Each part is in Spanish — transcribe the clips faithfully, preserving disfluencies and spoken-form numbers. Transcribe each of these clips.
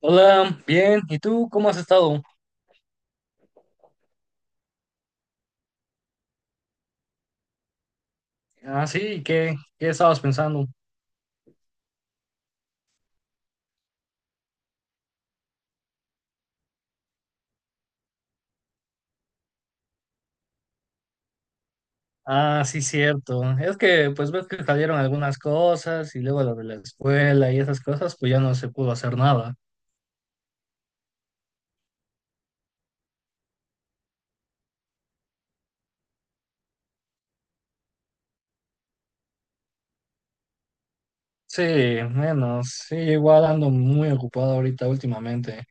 Hola, bien. ¿Y tú cómo has estado? Ah, sí, ¿qué, qué estabas pensando? Ah, sí, cierto. Es que pues ves que salieron algunas cosas y luego lo de la escuela y esas cosas, pues ya no se pudo hacer nada. Sí, menos. Sí, igual ando muy ocupado ahorita últimamente.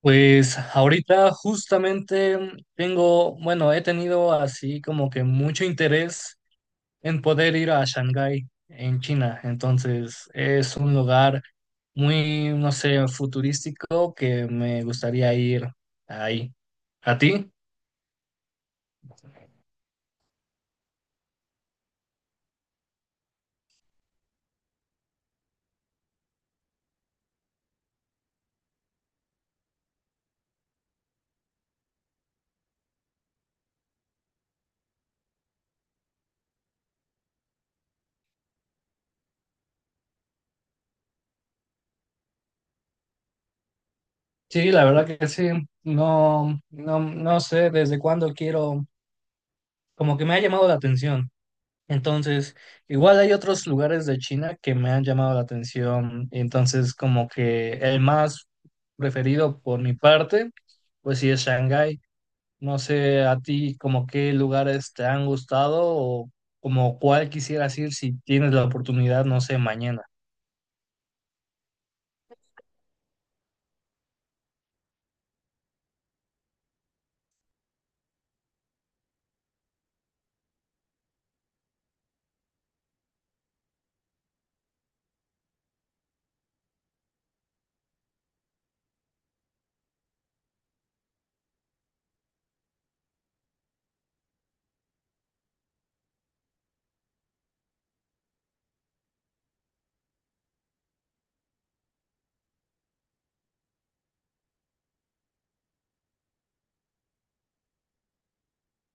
Pues ahorita justamente tengo, bueno, he tenido así como que mucho interés en poder ir a Shanghái, en China. Entonces, es un lugar muy, no sé, futurístico que me gustaría ir ahí. ¿A ti? Sí, la verdad que sí. No, no, no sé desde cuándo quiero, como que me ha llamado la atención. Entonces, igual hay otros lugares de China que me han llamado la atención. Entonces, como que el más preferido por mi parte, pues sí es Shanghái. No sé a ti como qué lugares te han gustado o como cuál quisieras ir si tienes la oportunidad, no sé, mañana.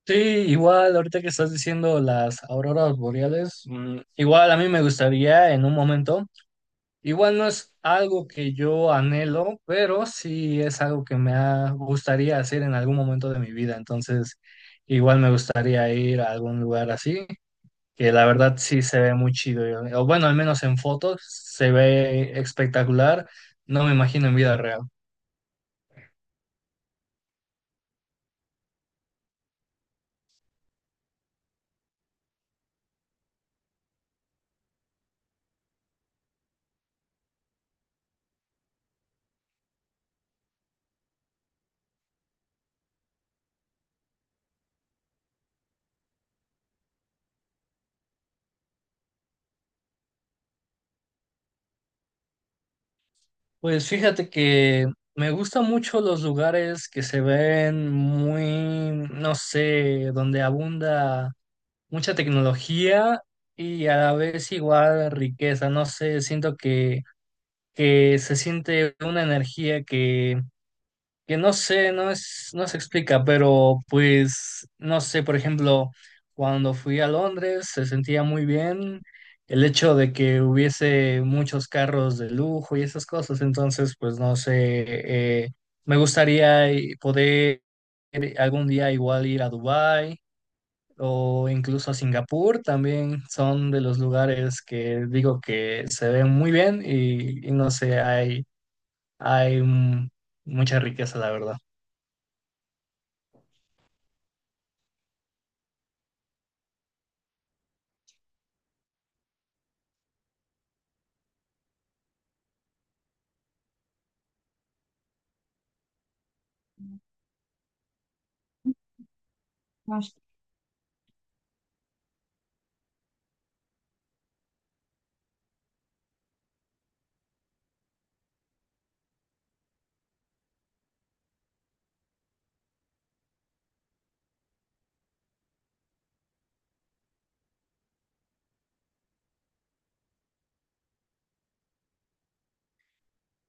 Sí, igual ahorita que estás diciendo las auroras boreales, mm, igual a mí me gustaría en un momento, igual no es algo que yo anhelo, pero sí es algo que me ha- gustaría hacer en algún momento de mi vida, entonces igual me gustaría ir a algún lugar así, que la verdad sí se ve muy chido. yo- O bueno, al menos en fotos se ve espectacular. No me imagino en vida real. Pues fíjate que me gustan mucho los lugares que se ven muy, no sé, donde abunda mucha tecnología y a la vez igual riqueza. No sé, siento que, que se siente una energía que no sé, no es, no se explica, pero pues, no sé, por ejemplo, cuando fui a Londres se sentía muy bien el hecho de que hubiese muchos carros de lujo y esas cosas, entonces, pues, no sé, eh, me gustaría eh, poder algún día igual ir a Dubái o incluso a Singapur, también son de los lugares que digo que se ven muy bien y, y no sé, hay, hay mm, mucha riqueza, la verdad.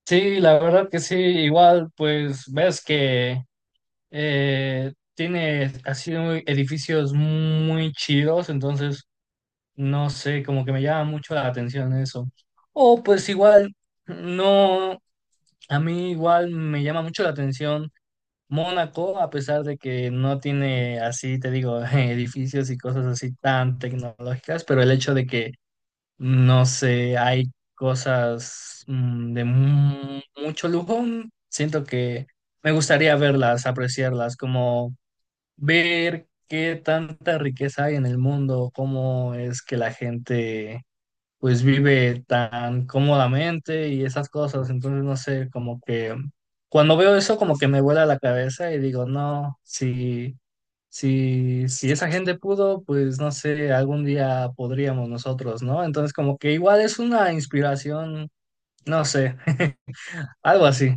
Sí, la verdad que sí, igual pues ves que eh, tiene así muy- edificios muy chidos, entonces no sé, como que me llama mucho la atención eso. O pues igual, no, a mí igual me llama mucho la atención Mónaco, a pesar de que no tiene así, te digo, edificios y cosas así tan tecnológicas, pero el hecho de que no sé, hay cosas mm, de mu- mucho lujo. Siento que me gustaría verlas, apreciarlas, como ver qué tanta riqueza hay en el mundo, cómo es que la gente pues vive tan cómodamente y esas cosas. Entonces, no sé, como que cuando veo eso, como que me vuela la cabeza y digo, no, si, si, si esa gente pudo, pues no sé, algún día podríamos nosotros, ¿no? Entonces, como que igual es una inspiración, no sé, algo así.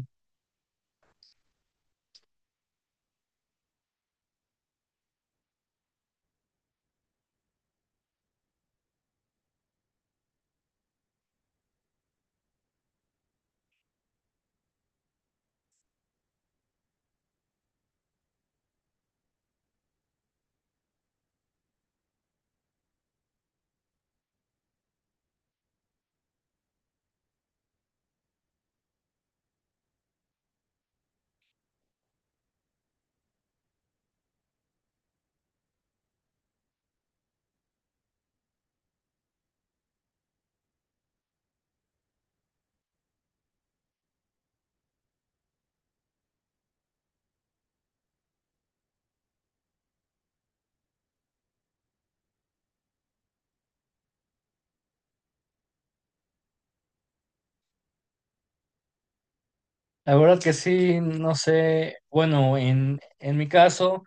La verdad que sí, no sé, bueno, en, en mi caso.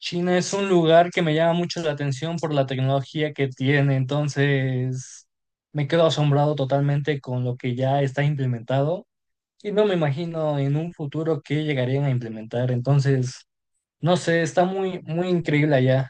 China es un lugar que me llama mucho la atención por la tecnología que tiene, entonces me quedo asombrado totalmente con lo que ya está implementado y no me imagino en un futuro qué llegarían a implementar, entonces no sé, está muy muy increíble allá.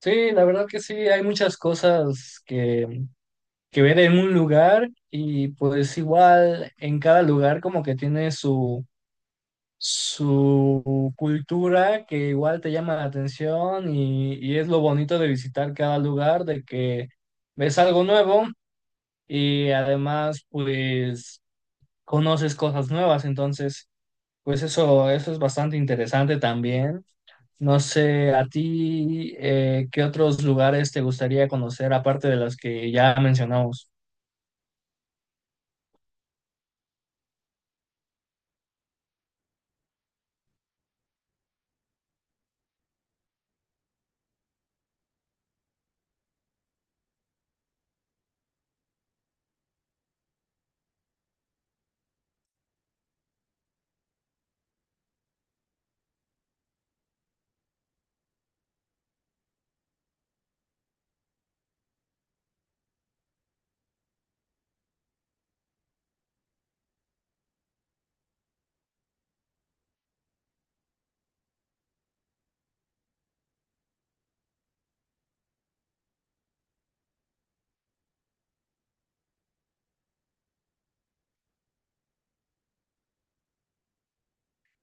Sí, la verdad que sí, hay muchas cosas que, que ver en un lugar y pues igual en cada lugar como que tiene su su cultura que igual te llama la atención y, y es lo bonito de visitar cada lugar, de que ves algo nuevo y además pues conoces cosas nuevas, entonces pues eso, eso es bastante interesante también. No sé, a ti, eh, ¿qué otros lugares te gustaría conocer aparte de los que ya mencionamos?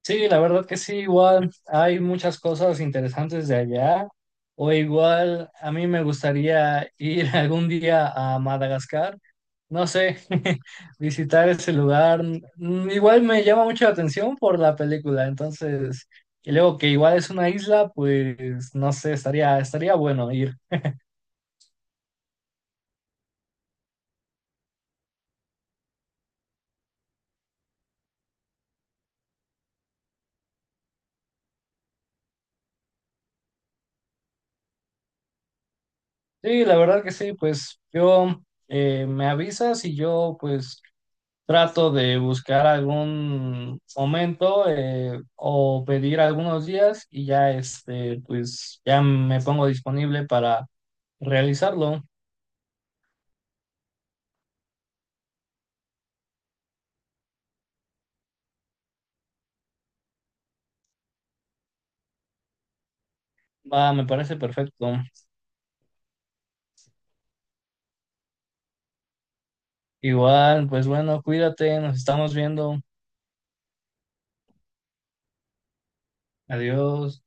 Sí, la verdad que sí, igual hay muchas cosas interesantes de allá. O igual a mí me gustaría ir algún día a Madagascar, no sé, visitar ese lugar. Mm, igual me llama mucho la atención por la película, entonces, y luego que igual es una isla, pues no sé, estaría, estaría bueno ir. Sí, la verdad que sí, pues yo eh, me avisas y yo pues trato de buscar algún momento eh, o pedir algunos días y ya este, pues ya me pongo disponible para realizarlo. Va, me parece perfecto. Igual, pues bueno, cuídate, nos estamos viendo. Adiós.